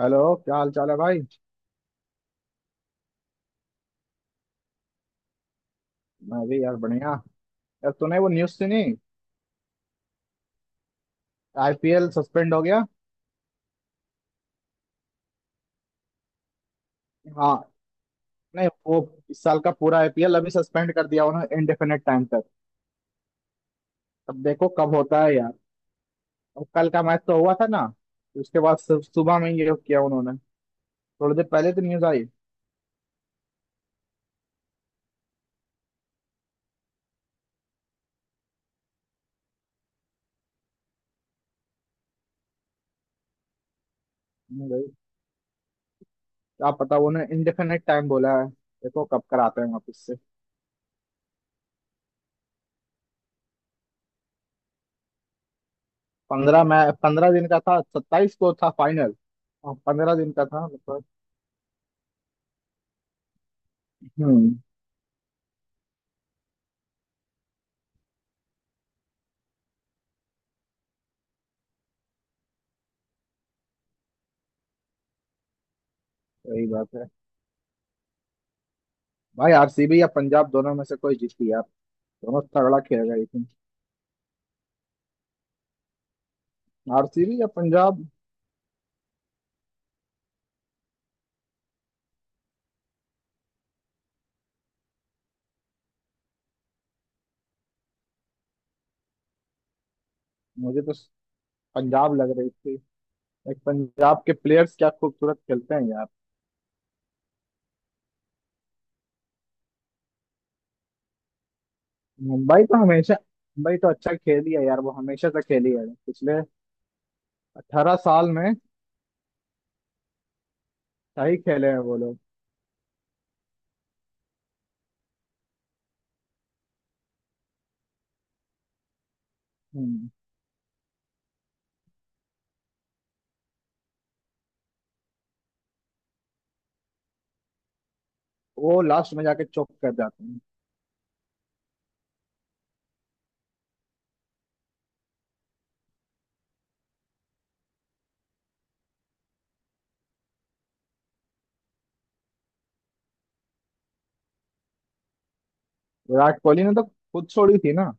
Hello. क्या हाल चाल है भाई। मैं भी यार बढ़िया। यार तूने वो न्यूज़ सुनी। आईपीएल सस्पेंड हो गया। हाँ। नहीं वो इस साल का पूरा आईपीएल अभी सस्पेंड कर दिया उन्होंने इनडेफिनेट टाइम तक। अब देखो कब होता है यार। अब कल का मैच तो हुआ था ना। उसके बाद सुबह में ये किया उन्होंने। थोड़ी देर पहले तो न्यूज़ आई। नहीं भाई, क्या पता, उन्होंने इनडेफिनेट टाइम बोला है, देखो कब कराते हैं वापस से। 15 मैच, 15 दिन का था, 27 को था फाइनल। 15 दिन का था मतलब। हम्म। सही बात है। भाई आरसीबी या पंजाब दोनों में से कोई जीती यार। दोनों तगड़ा खेल रही थी। आरसीबी या पंजाब। मुझे तो पंजाब लग रही थी। एक पंजाब के प्लेयर्स क्या खूबसूरत खेलते हैं यार। मुंबई तो हमेशा। मुंबई तो अच्छा खेली है यार, वो हमेशा से खेली है पिछले 18 साल में। सही खेले हैं वो लोग। हम्म। वो लास्ट में जाके चौक कर जाते हैं। विराट कोहली ने तो खुद छोड़ी थी ना।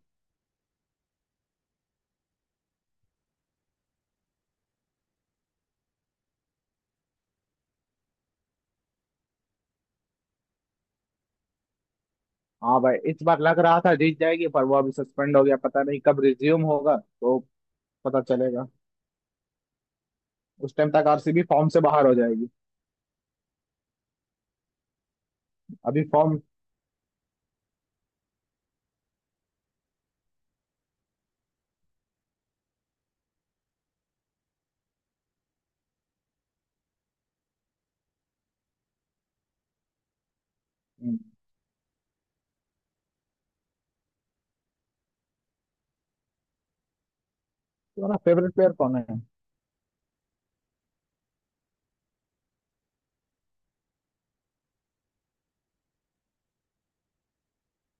हाँ भाई इस बार लग रहा था जीत जाएगी पर वो अभी सस्पेंड हो गया, पता नहीं कब रिज्यूम होगा, तो पता चलेगा। उस टाइम तक आरसीबी फॉर्म से बाहर हो जाएगी। अभी फॉर्म। तुम्हारा फेवरेट प्लेयर कौन है।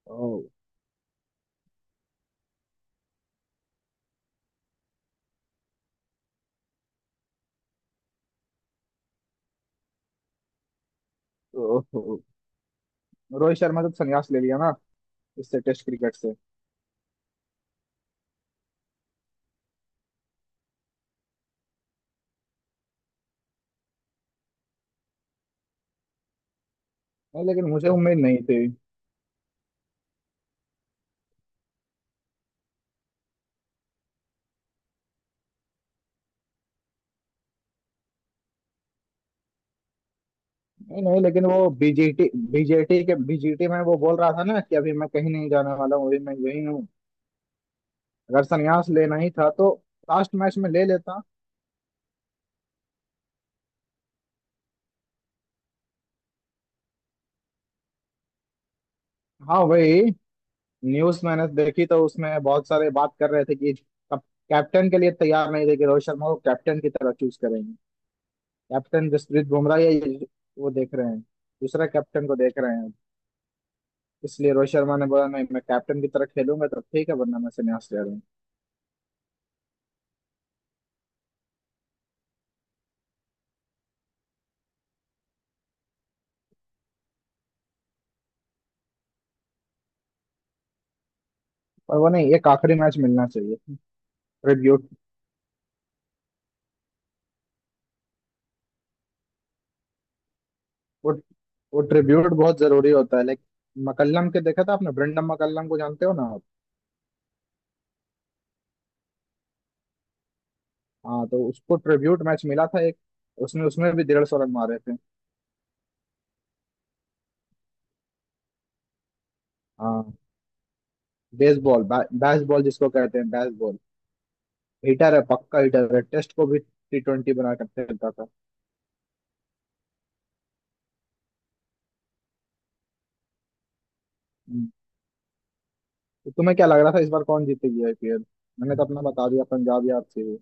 ओ, ओ, ओ, रोहित शर्मा जब संन्यास ले लिया ना, इससे टेस्ट क्रिकेट से। नहीं लेकिन मुझे उम्मीद नहीं थी। नहीं नहीं लेकिन वो बीजेटी बीजेटी के बीजेटी में वो बोल रहा था ना कि अभी मैं कहीं नहीं जाने वाला हूँ, अभी मैं यही हूँ। अगर संन्यास लेना ही था तो लास्ट मैच में ले लेता। हाँ वही न्यूज मैंने देखी, तो उसमें बहुत सारे बात कर रहे थे कि कैप्टन के लिए तैयार नहीं थे कि रोहित शर्मा को कैप्टन की तरह चूज करेंगे। कैप्टन जसप्रीत बुमराह या वो देख रहे हैं, दूसरा कैप्टन को देख रहे हैं। इसलिए रोहित शर्मा ने बोला नहीं, मैं कैप्टन की तरह खेलूंगा तो ठीक है, वरना मैं संन्यास ले रहा हूँ। पर वो नहीं, एक आखिरी मैच मिलना चाहिए, ट्रिब्यूट। वो, वो ट्रिब्यूट बहुत जरूरी होता है, लाइक मकल्लम के देखा था आपने, ब्रेंडम मकल्लम को जानते हो ना आप। हाँ तो उसको ट्रिब्यूट मैच मिला था एक। उसने उसमें भी 150 रन मारे थे। हाँ। बेसबॉल बैसबॉल जिसको कहते हैं बैसबॉल, हिटर है, पक्का हिटर है, टेस्ट को भी T20 बना कर खेलता था। तो तुम्हें क्या लग रहा था इस बार कौन जीतेगी आईपीएल। मैंने तो अपना बता दिया, पंजाब या आरसीबी।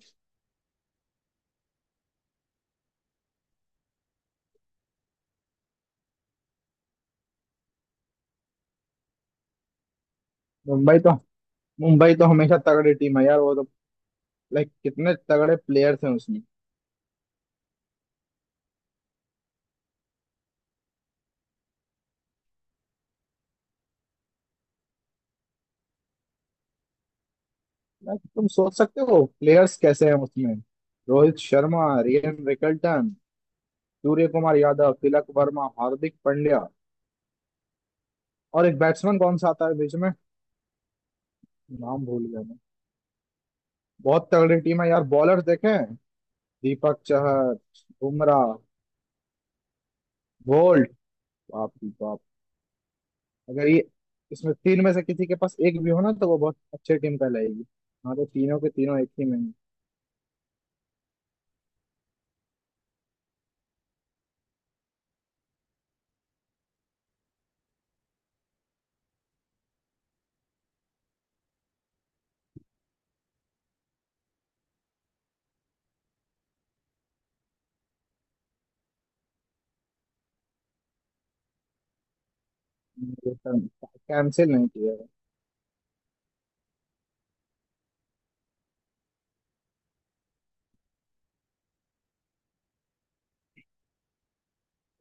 मुंबई तो मुंबई तो हमेशा तगड़ी टीम है यार, वो तो लाइक कितने तगड़े प्लेयर्स हैं उसमें। Like, तुम सोच सकते हो प्लेयर्स कैसे हैं उसमें। रोहित शर्मा, रियान रिकल्टन, सूर्य कुमार यादव, तिलक वर्मा, हार्दिक पांड्या और एक बैट्समैन कौन सा आता है बीच में। नाम भूल गया मैं। बहुत तगड़ी टीम है यार। बॉलर देखे हैं, दीपक चहर, बुमराह, बोल्ट। बाप रे बाप। अगर ये इसमें तीन में से किसी के पास एक भी हो ना तो वो बहुत अच्छी टीम कहलाएगी। हाँ तो तीनों के तीनों एक ही में। कैंसिल नहीं किया है।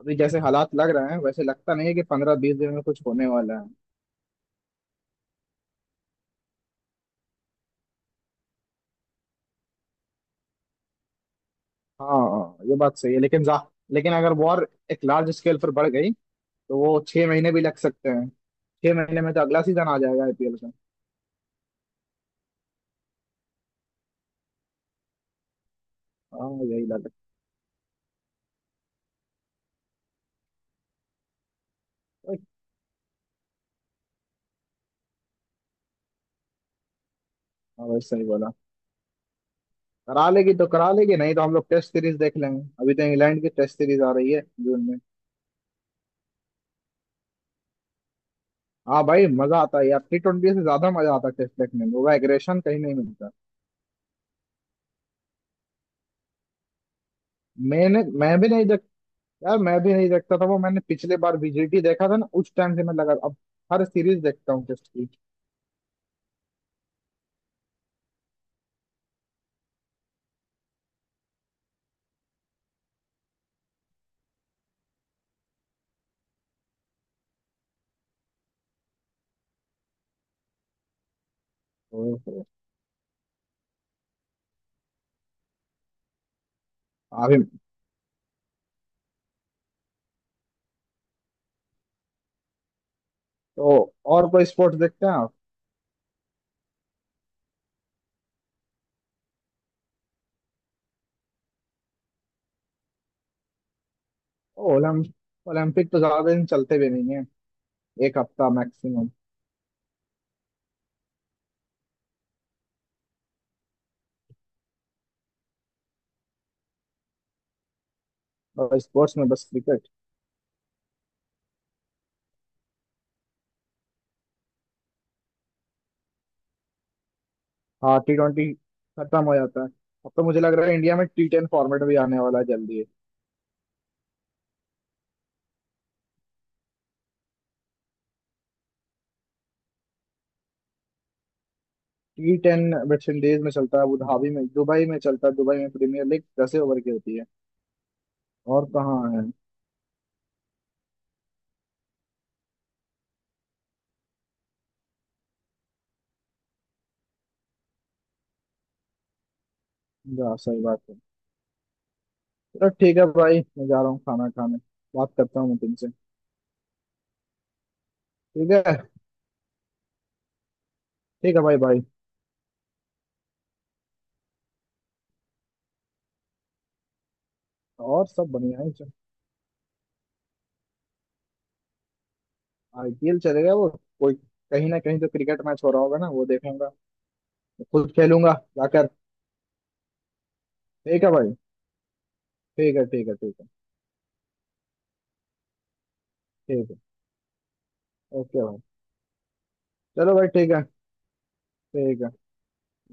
अभी जैसे हालात लग रहे हैं वैसे लगता नहीं है कि 15-20 दिन में कुछ होने वाला है। हाँ ये बात सही है, लेकिन जा, लेकिन अगर वॉर एक लार्ज स्केल पर बढ़ गई तो वो 6 महीने भी लग सकते हैं। 6 महीने में तो अगला सीजन आ जाएगा आईपीएल का। हाँ यही लग रहा है। हाँ भाई सही बोला, करा लेगी तो करा लेगी, नहीं तो हम लोग टेस्ट सीरीज देख लेंगे। अभी तो इंग्लैंड की टेस्ट सीरीज आ रही है जून में। हाँ भाई मजा आता है यार, T20 से ज्यादा मजा आता है टेस्ट देखने में, वो एग्रेशन कहीं नहीं मिलता। मैंने मैं भी नहीं देख यार मैं भी नहीं देखता था, वो मैंने पिछले बार बीजीटी देखा था ना, उस टाइम से मैं लगा अब हर सीरीज देखता हूँ टेस्ट की। ओहो। अभी तो और कोई स्पोर्ट्स देखते हैं आप। ओलम ओलंपिक तो ज्यादा दिन चलते भी नहीं है, एक हफ्ता मैक्सिमम। और स्पोर्ट्स में बस क्रिकेट। हाँ T20 खत्म हो जाता है। अब तो मुझे लग रहा है इंडिया में T10 फॉर्मेट भी आने वाला है जल्दी। T10 वेस्टइंडीज में चलता है, अबू धाबी में, दुबई में चलता है, दुबई में प्रीमियर लीग 10 ओवर की होती है। और कहाँ है। जा सही बात है। चलो ठीक है भाई, मैं जा रहा हूँ खाना खाने, बात करता हूँ मैं तुमसे। ठीक है। ठीक है भाई, भाई और सब बढ़िया है। आईपीएल चलेगा वो, कोई कहीं ना कहीं तो क्रिकेट मैच हो रहा होगा ना, वो देखूंगा। खुद खेलूंगा जाकर। ठीक है भाई। ठीक है ठीक है ठीक है। ठीक है। ओके भाई। चलो भाई ठीक है। ठीक है।